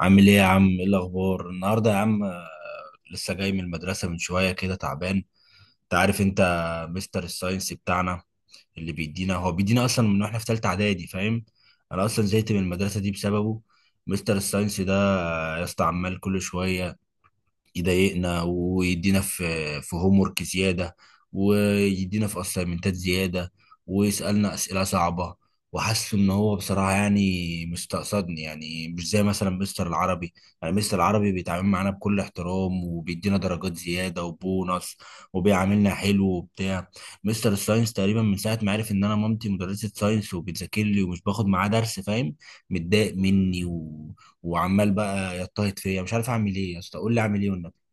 عامل ايه يا عم؟ ايه الاخبار النهارده يا عم؟ لسه جاي من المدرسه من شويه كده، تعبان. انت عارف، انت مستر الساينس بتاعنا اللي بيدينا، هو بيدينا اصلا من واحنا في ثالثه اعدادي، فاهم؟ انا اصلا زهقت من المدرسه دي بسببه. مستر الساينس ده، يا اسطى، عمال كل شويه يضايقنا، ويدينا في هوم ورك زياده، ويدينا في اسايمنتات زياده، ويسالنا اسئله صعبه. وحاسس ان هو بصراحه يعني مستقصدني، يعني مش زي مثلا مستر العربي. يعني مستر العربي بيتعامل معانا بكل احترام وبيدينا درجات زياده وبونص، وبيعاملنا حلو وبتاع. مستر الساينس تقريبا من ساعه ما عرف ان انا مامتي مدرسه ساينس وبتذاكر لي ومش باخد معاه درس، فاهم؟ متضايق مني وعمال بقى يضطهد فيا. مش عارف اعمل ايه يا اسطى، قول لي اعمل ايه والنبي.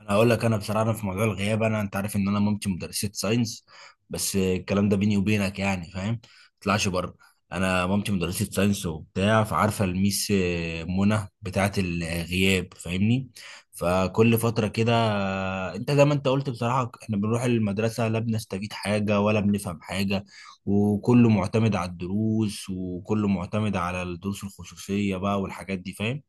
انا هقول لك، انا بصراحه، أنا في موضوع الغياب، انا انت عارف ان انا مامتي مدرسه ساينس. بس الكلام ده بيني وبينك يعني، فاهم؟ ما تطلعش بره. انا مامتي مدرسه ساينس وبتاع، فعارفه الميس منى بتاعه الغياب، فاهمني؟ فكل فتره كده، انت زي ما انت قلت بصراحه، احنا بنروح المدرسه لا بنستفيد حاجه ولا بنفهم حاجه، وكله معتمد على الدروس، وكله معتمد على الدروس الخصوصيه بقى والحاجات دي، فاهم؟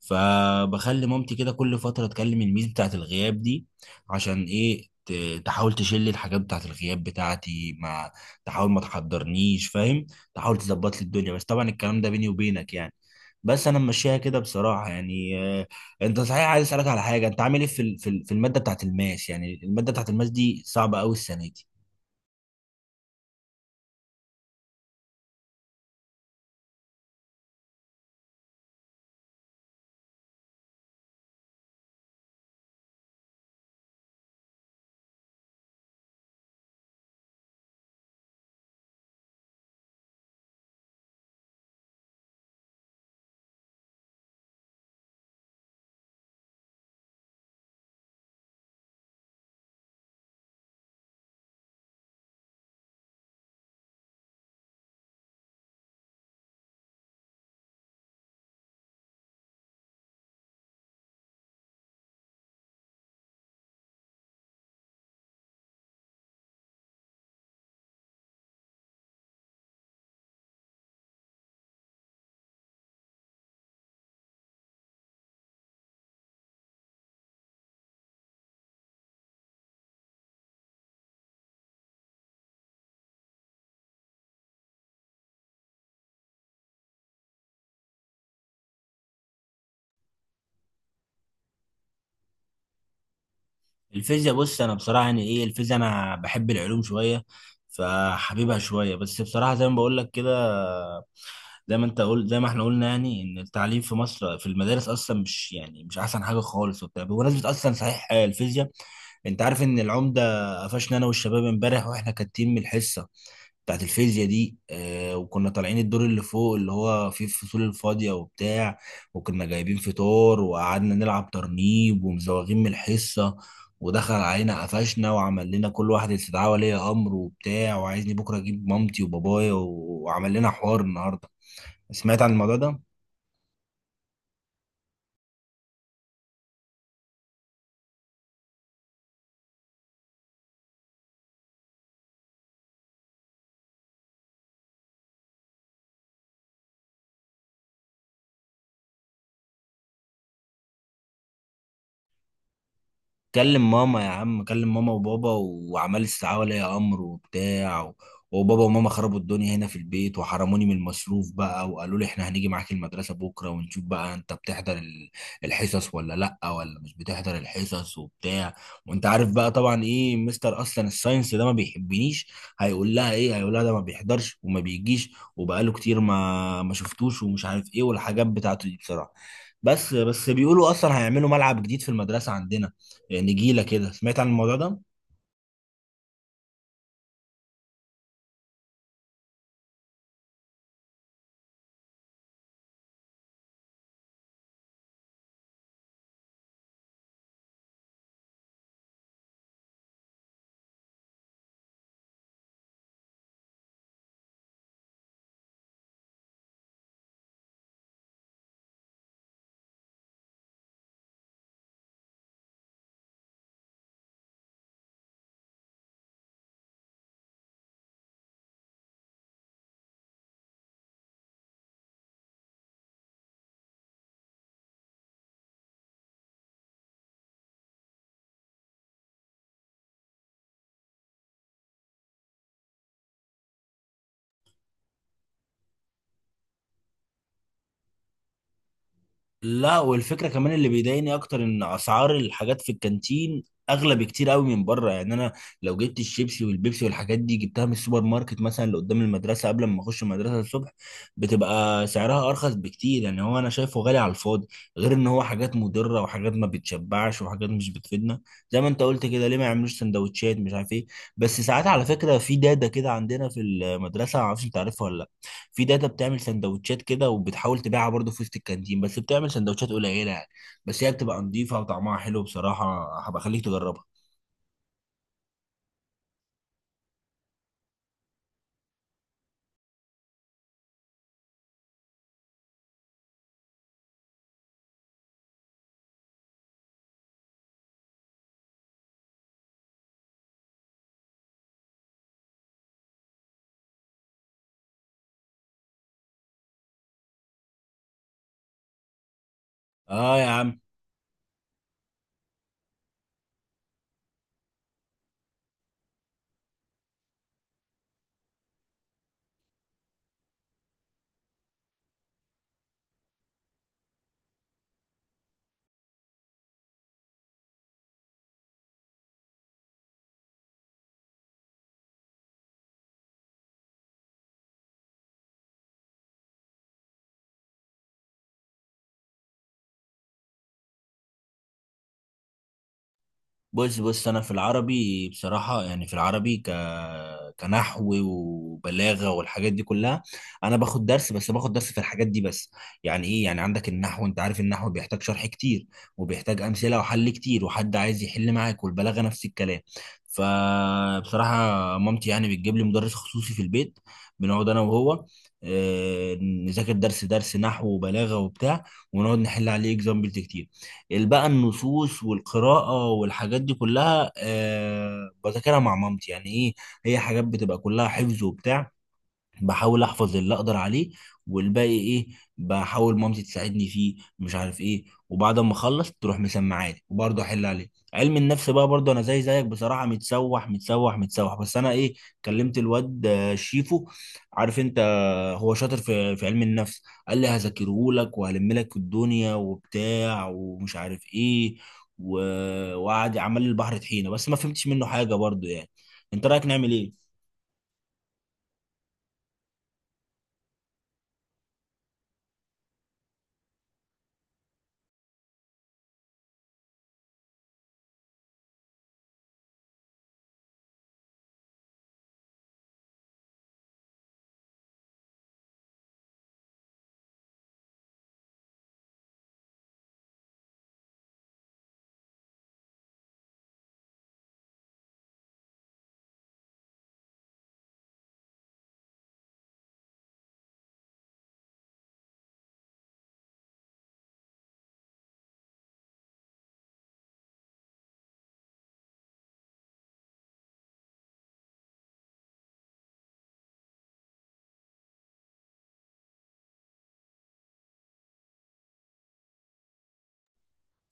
فبخلي مامتي كده كل فترة تكلم الميس بتاعت الغياب دي، عشان ايه؟ تحاول تشيل الحاجات بتاعت الغياب بتاعتي، ما تحاول ما تحضرنيش، فاهم؟ تحاول تظبط لي الدنيا. بس طبعا الكلام ده بيني وبينك يعني. بس انا ماشيها كده بصراحة يعني. انت صحيح، عايز اسالك على حاجة. انت عامل ايه في المادة بتاعت الماس؟ يعني المادة بتاعت الماس دي صعبة قوي السنة دي. الفيزياء، بص انا بصراحة يعني ايه الفيزياء، انا بحب العلوم شوية فحبيبها شوية. بس بصراحة زي ما بقول لك كده، زي ما انت قلت، زي ما احنا قلنا يعني، ان التعليم في مصر في المدارس اصلا مش يعني مش احسن حاجه خالص وبتاع. بمناسبه اصلا، صحيح، الفيزياء، انت عارف ان العمده قفشنا انا والشباب امبارح واحنا كاتين من الحصه بتاعت الفيزياء دي؟ آه. وكنا طالعين الدور اللي فوق اللي هو فيه الفصول الفاضيه وبتاع، وكنا جايبين فطار وقعدنا نلعب ترنيب ومزوغين من الحصه. ودخل علينا، قفشنا وعمل لنا كل واحد استدعاء ولي امر وبتاع، وعايزني بكره اجيب مامتي وبابايا، وعمل لنا حوار النهارده. سمعت عن الموضوع ده؟ كلم ماما يا عم، كلم ماما وبابا، وعمال استدعاء ولي امر وبتاع وبابا وماما خربوا الدنيا هنا في البيت، وحرموني من المصروف بقى، وقالوا لي احنا هنيجي معاك المدرسة بكرة ونشوف بقى انت بتحضر الحصص ولا لا، ولا مش بتحضر الحصص وبتاع. وانت عارف بقى طبعا ايه، مستر اصلا الساينس ده ما بيحبنيش. هيقول لها ايه؟ هيقول لها ده ما بيحضرش وما بيجيش وبقاله كتير ما شفتوش، ومش عارف ايه والحاجات بتاعته دي بصراحة. بس بيقولوا اصلا هيعملوا ملعب جديد في المدرسة عندنا، نجيله كده، سمعت عن الموضوع ده؟ لا. والفكره كمان اللي بيضايقني اكتر، ان اسعار الحاجات في الكانتين اغلى بكتير قوي من بره. يعني انا لو جبت الشيبسي والبيبسي والحاجات دي جبتها من السوبر ماركت مثلا اللي قدام المدرسه، قبل ما اخش المدرسه الصبح، بتبقى سعرها ارخص بكتير. يعني هو انا شايفه غالي على الفاضي. غير ان هو حاجات مضره وحاجات ما بتشبعش وحاجات مش بتفيدنا. زي ما انت قلت كده، ليه ما يعملوش سندوتشات مش عارف ايه؟ بس ساعات على فكره في داده كده عندنا في المدرسه، معرفش انت عارفها ولا لا، في داتا بتعمل سندوتشات كده وبتحاول تبيعها برضه في وسط الكانتين، بس بتعمل سندوتشات قليله يعني. بس هي بتبقى نظيفه وطعمها حلو بصراحه، هبقى اخليك تجربها. اه يا عم. بص بص، انا في العربي بصراحه يعني، في العربي كنحو وبلاغه والحاجات دي كلها، انا باخد درس. بس باخد درس في الحاجات دي بس. يعني ايه؟ يعني عندك النحو، انت عارف النحو بيحتاج شرح كتير، وبيحتاج امثله وحل كتير وحد عايز يحل معاك. والبلاغه نفس الكلام. فبصراحه مامتي يعني بتجيب لي مدرس خصوصي في البيت، بنقعد انا وهو، نذاكر درس درس نحو وبلاغه وبتاع، ونقعد نحل عليه اكزامبلز كتير. بقى النصوص والقراءة والحاجات دي كلها، آه، بذاكرها مع مامتي. يعني ايه، هي حاجات بتبقى كلها حفظ وبتاع، بحاول احفظ اللي اقدر عليه، والباقي ايه، بحاول مامتي تساعدني فيه مش عارف ايه، وبعد ما اخلص تروح مسمعاني وبرضه احل عليه. علم النفس بقى، برضه انا زي زيك بصراحه، متسوح متسوح متسوح. بس انا ايه، كلمت الواد شيفو، عارف انت، هو شاطر في علم النفس، قال لي هذاكره لك وهلم لك الدنيا وبتاع ومش عارف ايه، و... وقعد عمل لي البحر طحينه بس ما فهمتش منه حاجه برضه يعني. انت رايك نعمل ايه؟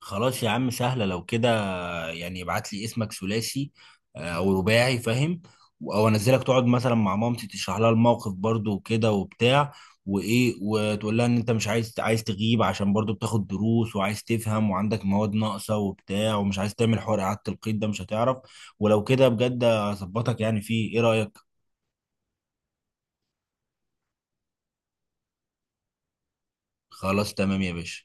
خلاص يا عم، سهله لو كده. يعني ابعت لي اسمك ثلاثي او رباعي، فاهم؟ او انزلك تقعد مثلا مع مامتي، تشرح لها الموقف برضو وكده وبتاع، وايه، وتقول لها ان انت مش عايز تغيب، عشان برضو بتاخد دروس وعايز تفهم وعندك مواد ناقصه وبتاع، ومش عايز تعمل حوار اعاده القيد ده، مش هتعرف. ولو كده، بجد اظبطك يعني. فيه ايه رايك؟ خلاص تمام يا باشا.